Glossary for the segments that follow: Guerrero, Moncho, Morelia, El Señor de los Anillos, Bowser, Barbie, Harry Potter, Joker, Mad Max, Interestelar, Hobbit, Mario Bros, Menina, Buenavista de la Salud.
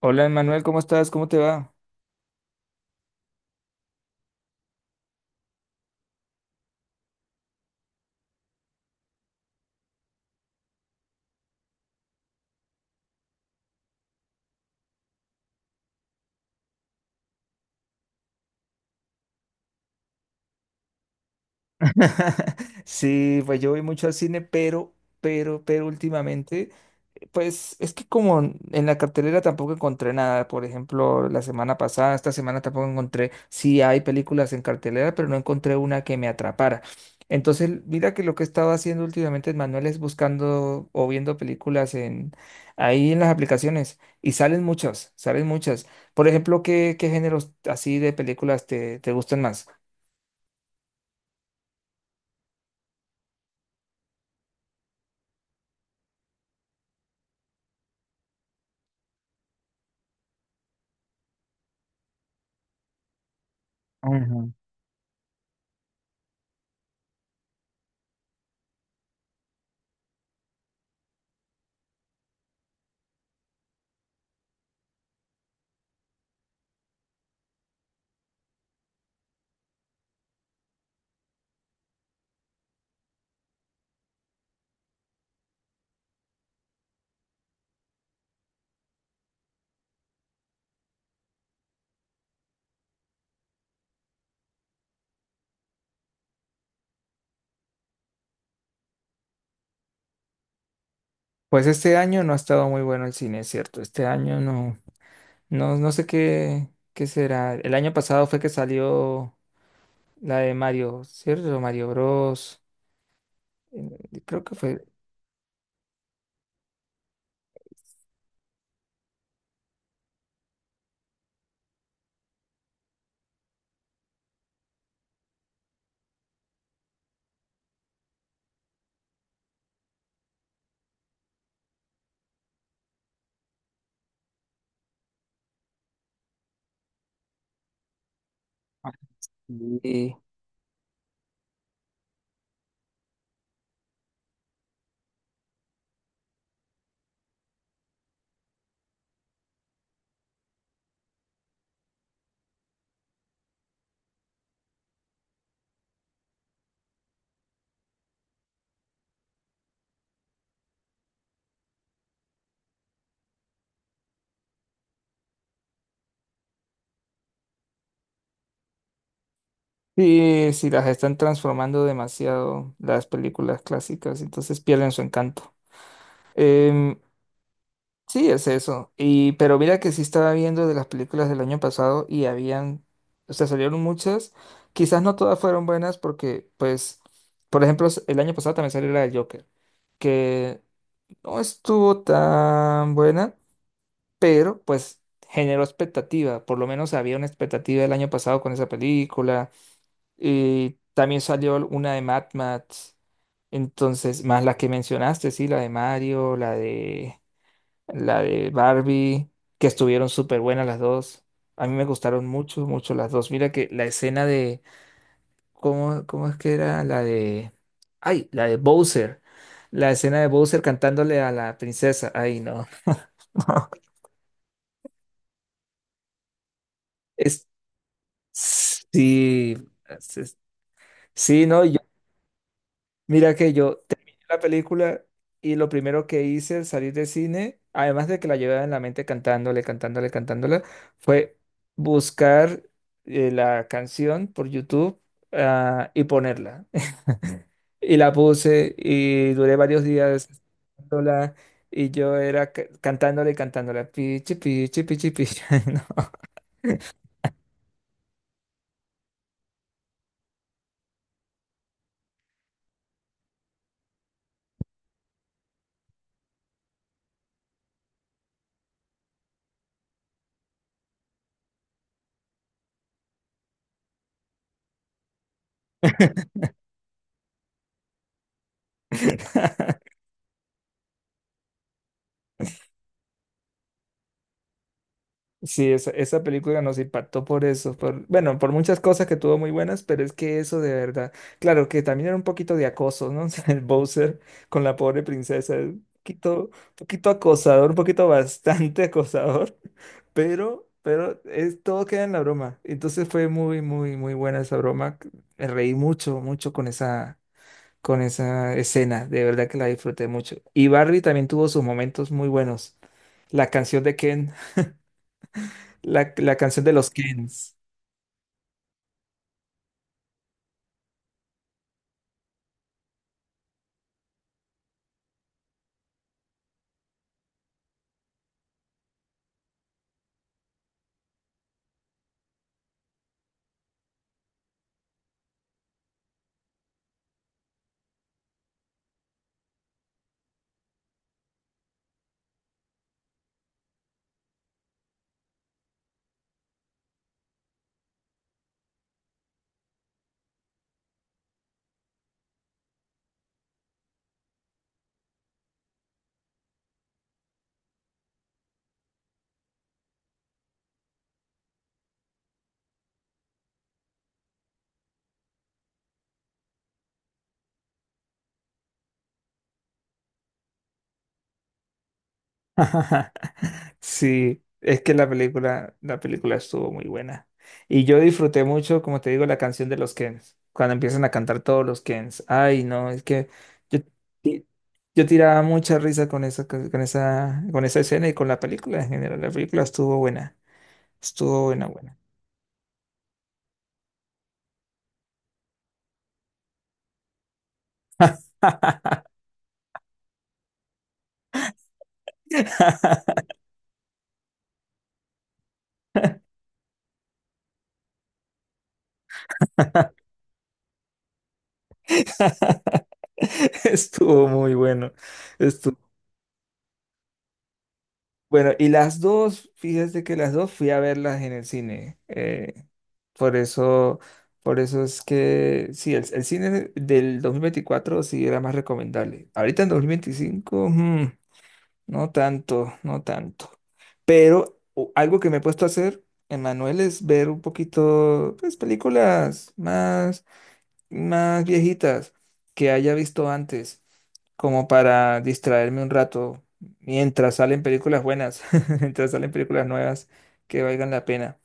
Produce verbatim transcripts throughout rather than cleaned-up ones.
Hola, Manuel, ¿cómo estás? ¿Cómo te va? Sí, pues yo voy mucho al cine, pero, pero, pero últimamente, pues es que como en la cartelera tampoco encontré nada, por ejemplo, la semana pasada, esta semana tampoco encontré, sí hay películas en cartelera, pero no encontré una que me atrapara. Entonces, mira que lo que he estado haciendo últimamente, Manuel, es buscando o viendo películas en ahí en las aplicaciones y salen muchas, salen muchas. Por ejemplo, ¿qué, qué géneros así de películas te, te gustan más? Ajá. Pues este año no ha estado muy bueno el cine, es cierto. Este año no, no, no sé qué, qué será. El año pasado fue que salió la de Mario, ¿cierto? Mario Bros. eh, Creo que fue. Ah, sí, sí, sí, las están transformando demasiado las películas clásicas, entonces pierden su encanto. Em, Sí, es eso. Y pero mira que sí estaba viendo de las películas del año pasado y habían, o sea, salieron muchas. Quizás no todas fueron buenas porque, pues, por ejemplo, s- el año pasado también salió la de Joker, que no estuvo tan buena, pero pues generó expectativa. Por lo menos había una expectativa el año pasado con esa película. Y también salió una de Mad Max. Entonces, más la que mencionaste, sí, la de Mario, la de la de Barbie, que estuvieron súper buenas las dos. A mí me gustaron mucho, mucho las dos. Mira que la escena de, ¿cómo, cómo es que era? La de, ay, la de Bowser. La escena de Bowser cantándole a la princesa. Ay, no. Es, sí, es- es- sí, no, mira que yo terminé la película y lo primero que hice al salir del cine, además de que la llevaba en la mente cantándole, cantándole, cantándola, fue buscar eh, la canción por YouTube, ah, y ponerla. Y la puse y duré varios días cantándola y yo era ca- cantándole, cantándola. Pichi, pichi, pichi, pichi. No. Sí, esa, esa película nos impactó por eso, por, bueno, por muchas cosas que tuvo muy buenas, pero es que eso de verdad, claro que también era un poquito de acoso, ¿no? O sea, el Bowser con la pobre princesa, un poquito, un poquito acosador, un poquito bastante acosador, pero, pero es, todo queda en la broma. Entonces fue muy, muy, muy buena esa broma. Me reí mucho, mucho con esa, con esa escena, de verdad que la disfruté mucho. Y Barbie también tuvo sus momentos muy buenos. La canción de Ken. La, la canción de los Kens. Sí, es que la película, la película estuvo muy buena. Y yo disfruté mucho, como te digo, la canción de los Kens. Cuando empiezan a cantar todos los Kens. Ay, no, es que yo, ti- yo tiraba mucha risa con esa, con con esa, con esa escena y con la película en general. La película estuvo buena. Estuvo buena, buena. Estuvo muy bueno. Bueno, y las dos, fíjate que las dos fui a verlas en el cine. Eh, por eso, por eso es que sí, el, el cine del dos mil veinticuatro sí era más recomendable. Ahorita en dos mil veinticinco, mm, no tanto, no tanto. Pero o- algo que me he puesto a hacer, Emanuel, es ver un poquito, pues, películas más más viejitas que haya visto antes, como para distraerme un rato mientras salen películas buenas, mientras salen películas nuevas que valgan la pena.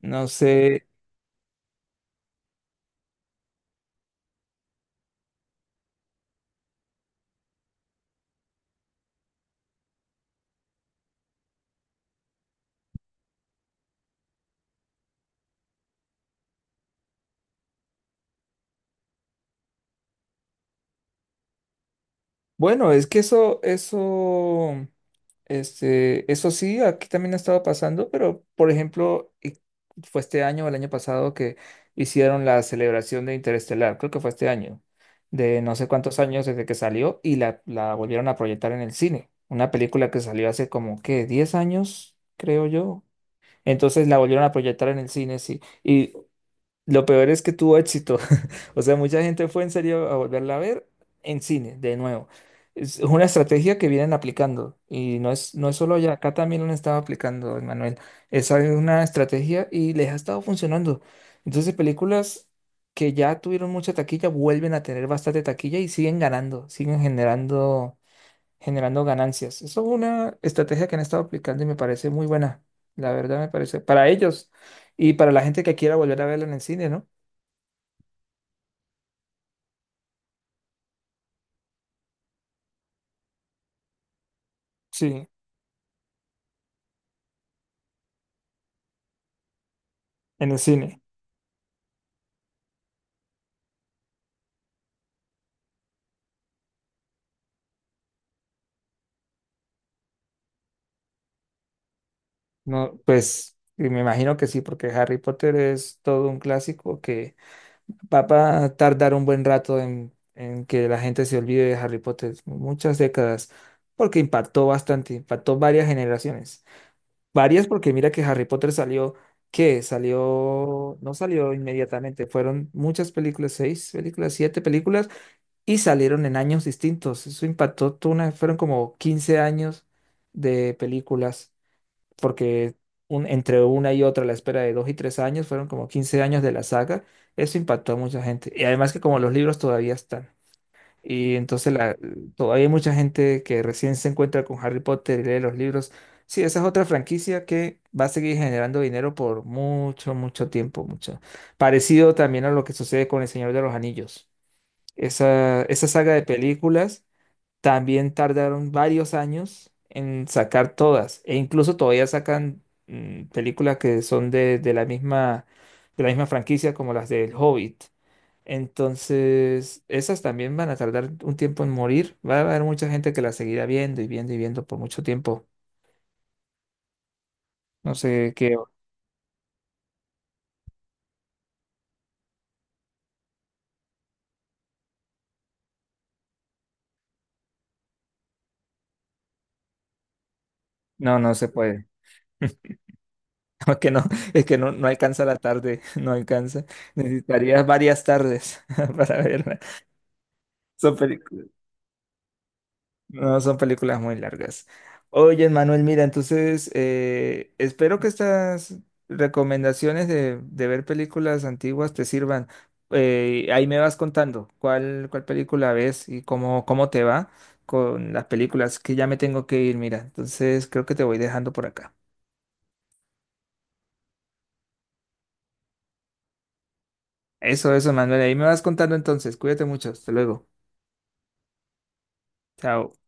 No sé. Bueno, es que eso, eso, este, eso sí, aquí también ha estado pasando, pero por ejemplo, y fue este año o el año pasado que hicieron la celebración de Interestelar, creo que fue este año, de no sé cuántos años desde que salió y la, la volvieron a proyectar en el cine. Una película que salió hace como, ¿qué? Diez años, creo yo. Entonces la volvieron a proyectar en el cine, sí. Y lo peor es que tuvo éxito. O sea, mucha gente fue en serio a volverla a ver en cine, de nuevo. Es una estrategia que vienen aplicando. Y no es, no es solo allá, acá también lo han estado aplicando, Emanuel. Esa es una estrategia y les ha estado funcionando. Entonces, películas que ya tuvieron mucha taquilla vuelven a tener bastante taquilla y siguen ganando, siguen generando, generando ganancias. Eso es una estrategia que han estado aplicando y me parece muy buena. La verdad me parece, para ellos y para la gente que quiera volver a verla en el cine, ¿no? Sí, en el cine. No, pues y me imagino que sí, porque Harry Potter es todo un clásico que va a tardar un buen rato en, en que la gente se olvide de Harry Potter, muchas décadas, porque impactó bastante, impactó varias generaciones. Varias porque mira que Harry Potter salió, ¿qué? Salió, no salió inmediatamente, fueron muchas películas, seis películas, siete películas, y salieron en años distintos. Eso impactó, toda una- fueron como quince años de películas porque un, entre una y otra, la espera de dos y tres años, fueron como quince años de la saga, eso impactó a mucha gente. Y además que como los libros todavía están, y entonces la, todavía hay mucha gente que recién se encuentra con Harry Potter y lee los libros. Sí, esa es otra franquicia que va a seguir generando dinero por mucho, mucho tiempo, mucho. Parecido también a lo que sucede con El Señor de los Anillos. Esa, esa saga de películas. También tardaron varios años en sacar todas, e incluso todavía sacan mm, películas que son de, de la misma, de la misma franquicia como las del Hobbit. Entonces, esas también van a tardar un tiempo en morir. Va a haber mucha gente que las seguirá viendo y viendo y viendo por mucho tiempo. No sé qué. No, no se puede. Es que no, es que no, no alcanza la tarde, no alcanza. Necesitarías varias tardes para verla. Son pelic- No, son películas muy largas. Oye, Manuel, mira, entonces eh, espero que estas recomendaciones de, de ver películas antiguas te sirvan. Eh, ahí me vas contando cuál, cuál película ves y cómo, cómo te va con las películas, que ya me tengo que ir, mira. Entonces creo que te voy dejando por acá. Eso, eso, Manuel. Ahí me vas contando entonces. Cuídate mucho. Hasta luego. Chao.